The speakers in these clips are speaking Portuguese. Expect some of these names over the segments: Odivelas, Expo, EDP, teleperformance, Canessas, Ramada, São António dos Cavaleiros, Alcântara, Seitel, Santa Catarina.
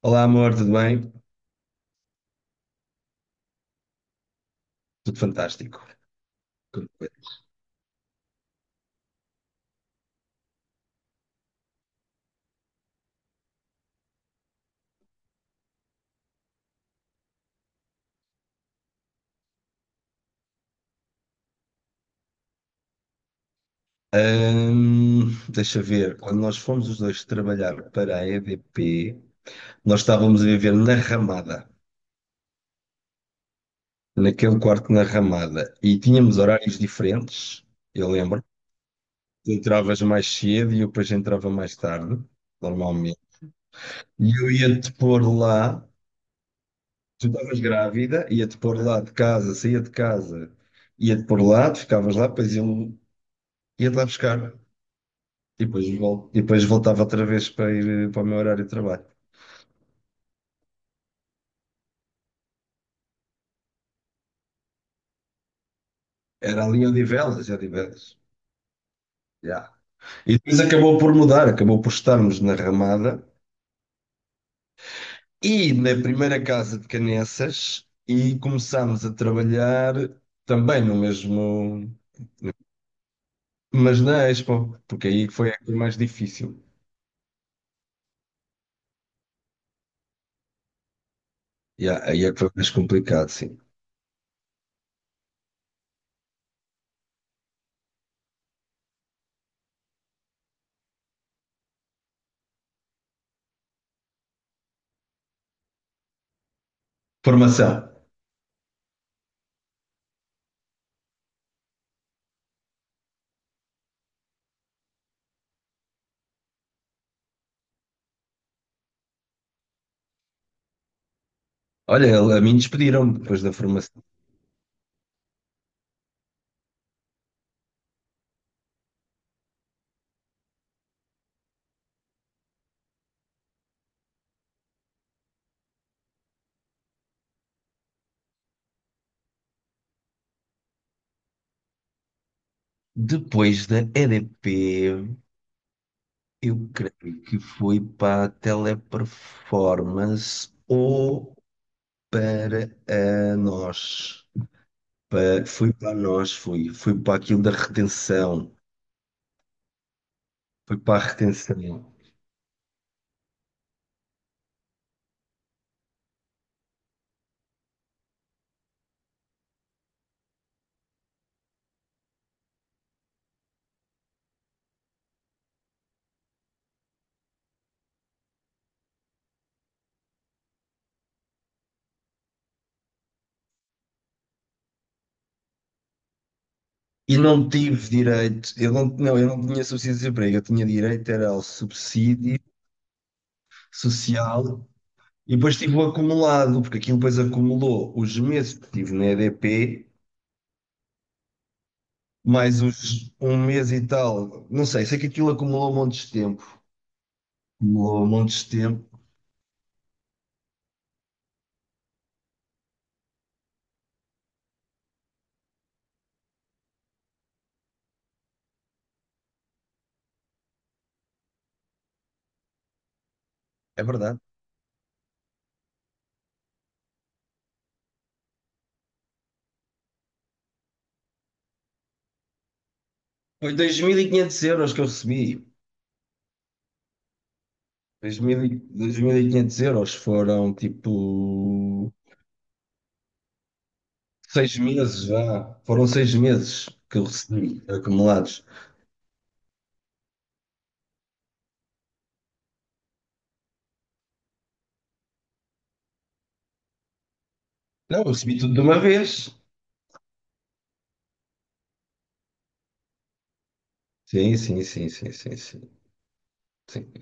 Olá, amor, tudo bem? Tudo fantástico. Tudo bem. Ahm, deixa ver, quando nós fomos os dois trabalhar para a EDP, nós estávamos a viver na Ramada, naquele quarto na Ramada, e tínhamos horários diferentes, eu lembro. Tu entravas mais cedo e eu depois entrava mais tarde, normalmente. E eu ia-te pôr lá, tu estavas grávida, ia-te pôr lá de casa, saía de casa, ia-te pôr lá, tu ficavas lá, depois eu ia-te lá buscar. E depois, e depois voltava outra vez para ir para o meu horário de trabalho. Era ali em Odivelas, em Odivelas. Já. E depois acabou por mudar, acabou por estarmos na Ramada e na primeira casa de Canessas e começámos a trabalhar também no mesmo, mas na Expo, porque aí foi a coisa mais difícil. Já, aí é que foi mais complicado, sim. Formação. Olha, a mim despediram depois da formação. Depois da EDP. Eu creio que foi para a teleperformance ou para a nós. Foi para a nós, foi. Foi para aquilo da retenção. Foi para a retenção. E não tive direito, eu não, eu não tinha subsídio de desemprego, eu tinha direito era ao subsídio social, e depois tive o acumulado, porque aquilo depois acumulou os meses que tive na EDP, mais os, um mês e tal, não sei, sei que aquilo acumulou um monte de tempo. Demorou montes de tempo. É verdade. Foi 2.500 euros que eu recebi. 2.500 euros foram tipo seis meses já. Foram seis meses que eu recebi acumulados. Não, eu recebi tudo de uma vez. Sim, sim, sim, sim, sim, sim, sim.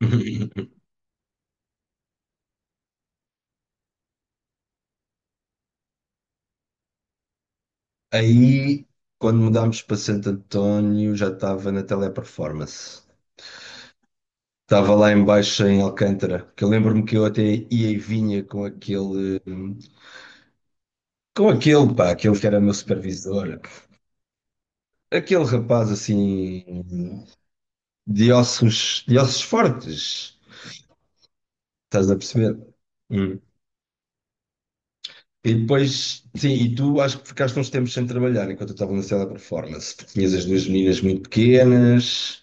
Aí, quando mudámos para Santo António, já estava na Teleperformance. Estava lá embaixo em Alcântara, que eu lembro-me que eu até ia e vinha com aquele. Com aquele, pá, aquele que era meu supervisor, aquele rapaz assim de ossos fortes, estás a perceber? Hum. E depois, sim, e tu acho que ficaste uns tempos sem trabalhar enquanto eu estava na sala de performance, porque tinhas as duas meninas muito pequenas,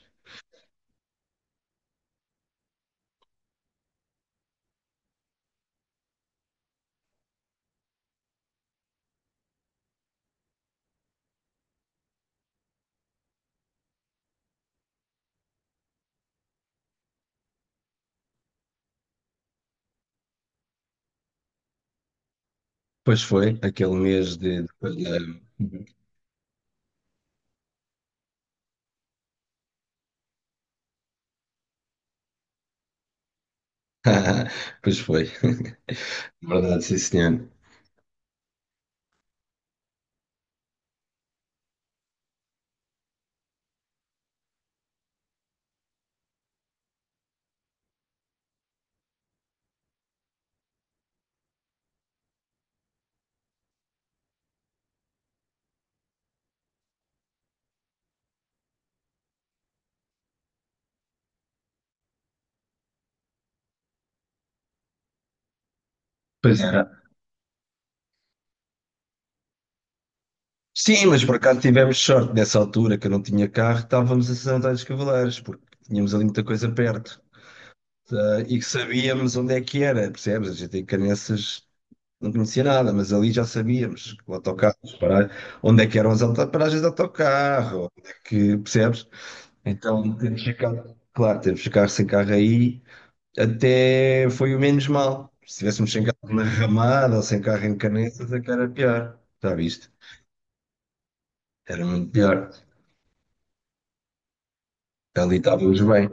pois foi, aquele mês de. De- Pois foi, verdade, sim senhor. Pois era. Sim, mas por acaso tivemos sorte nessa altura que eu não tinha carro, estávamos a São António dos Cavaleiros, porque tínhamos ali muita coisa perto, tá? E que sabíamos onde é que era, percebes? A gente em Caneças não conhecia nada, mas ali já sabíamos, com autocarros, para, onde é que eram as paragens de autocarro, onde é que, percebes? Então temos ficado, claro, temos ficado sem carro aí, até foi o menos mal. Se tivéssemos sem carro na Ramada ou sem carro em Caneças, é que era pior, já viste? Era muito pior. Ali estávamos bem.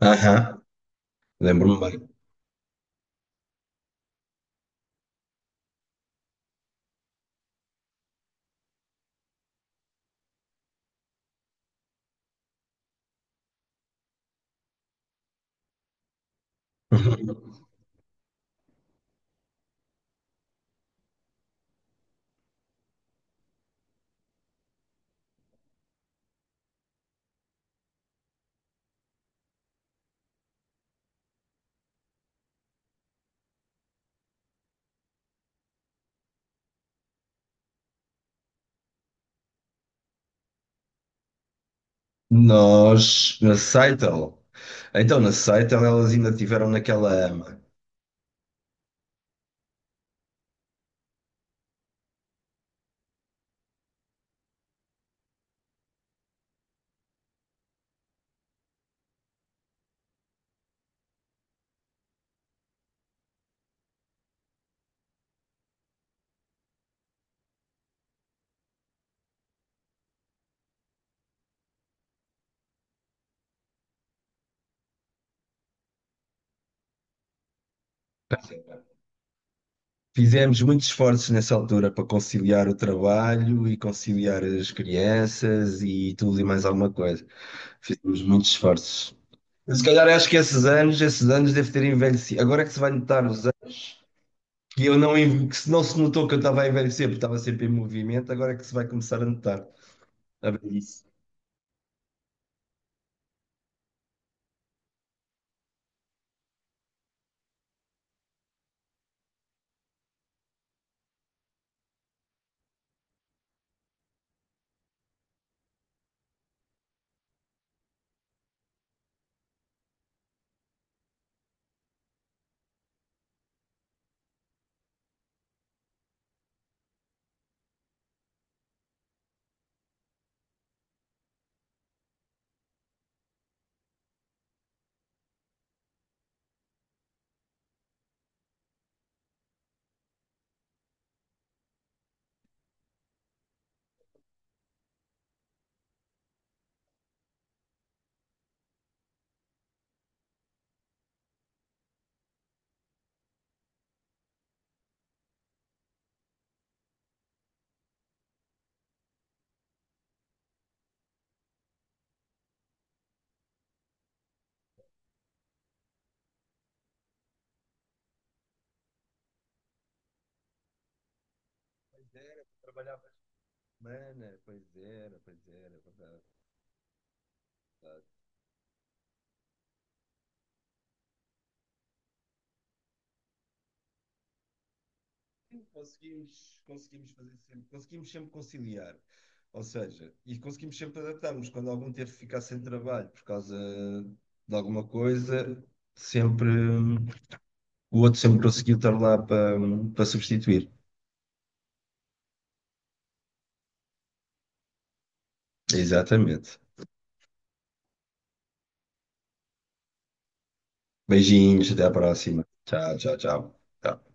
Aham, lembro-me bem. Nós, na Seitel, então na Seitel elas ainda tiveram naquela ama. Fizemos muitos esforços nessa altura para conciliar o trabalho e conciliar as crianças e tudo e mais alguma coisa. Fizemos muitos esforços. Se calhar acho que esses anos deve ter envelhecido. Agora é que se vai notar os anos, que se não se notou que eu estava a envelhecer, porque estava sempre em movimento, agora é que se vai começar a notar. A ver isso. Mana, pois era, é verdade, é verdade. Sim, conseguimos fazer sempre, conseguimos sempre conciliar. Ou seja, e conseguimos sempre adaptarmos. Quando algum teve que ficar sem trabalho por causa de alguma coisa, sempre o outro sempre conseguiu estar lá para substituir. Exatamente. Beijinhos, até à próxima. Tchau, tchau, tchau. Tchau.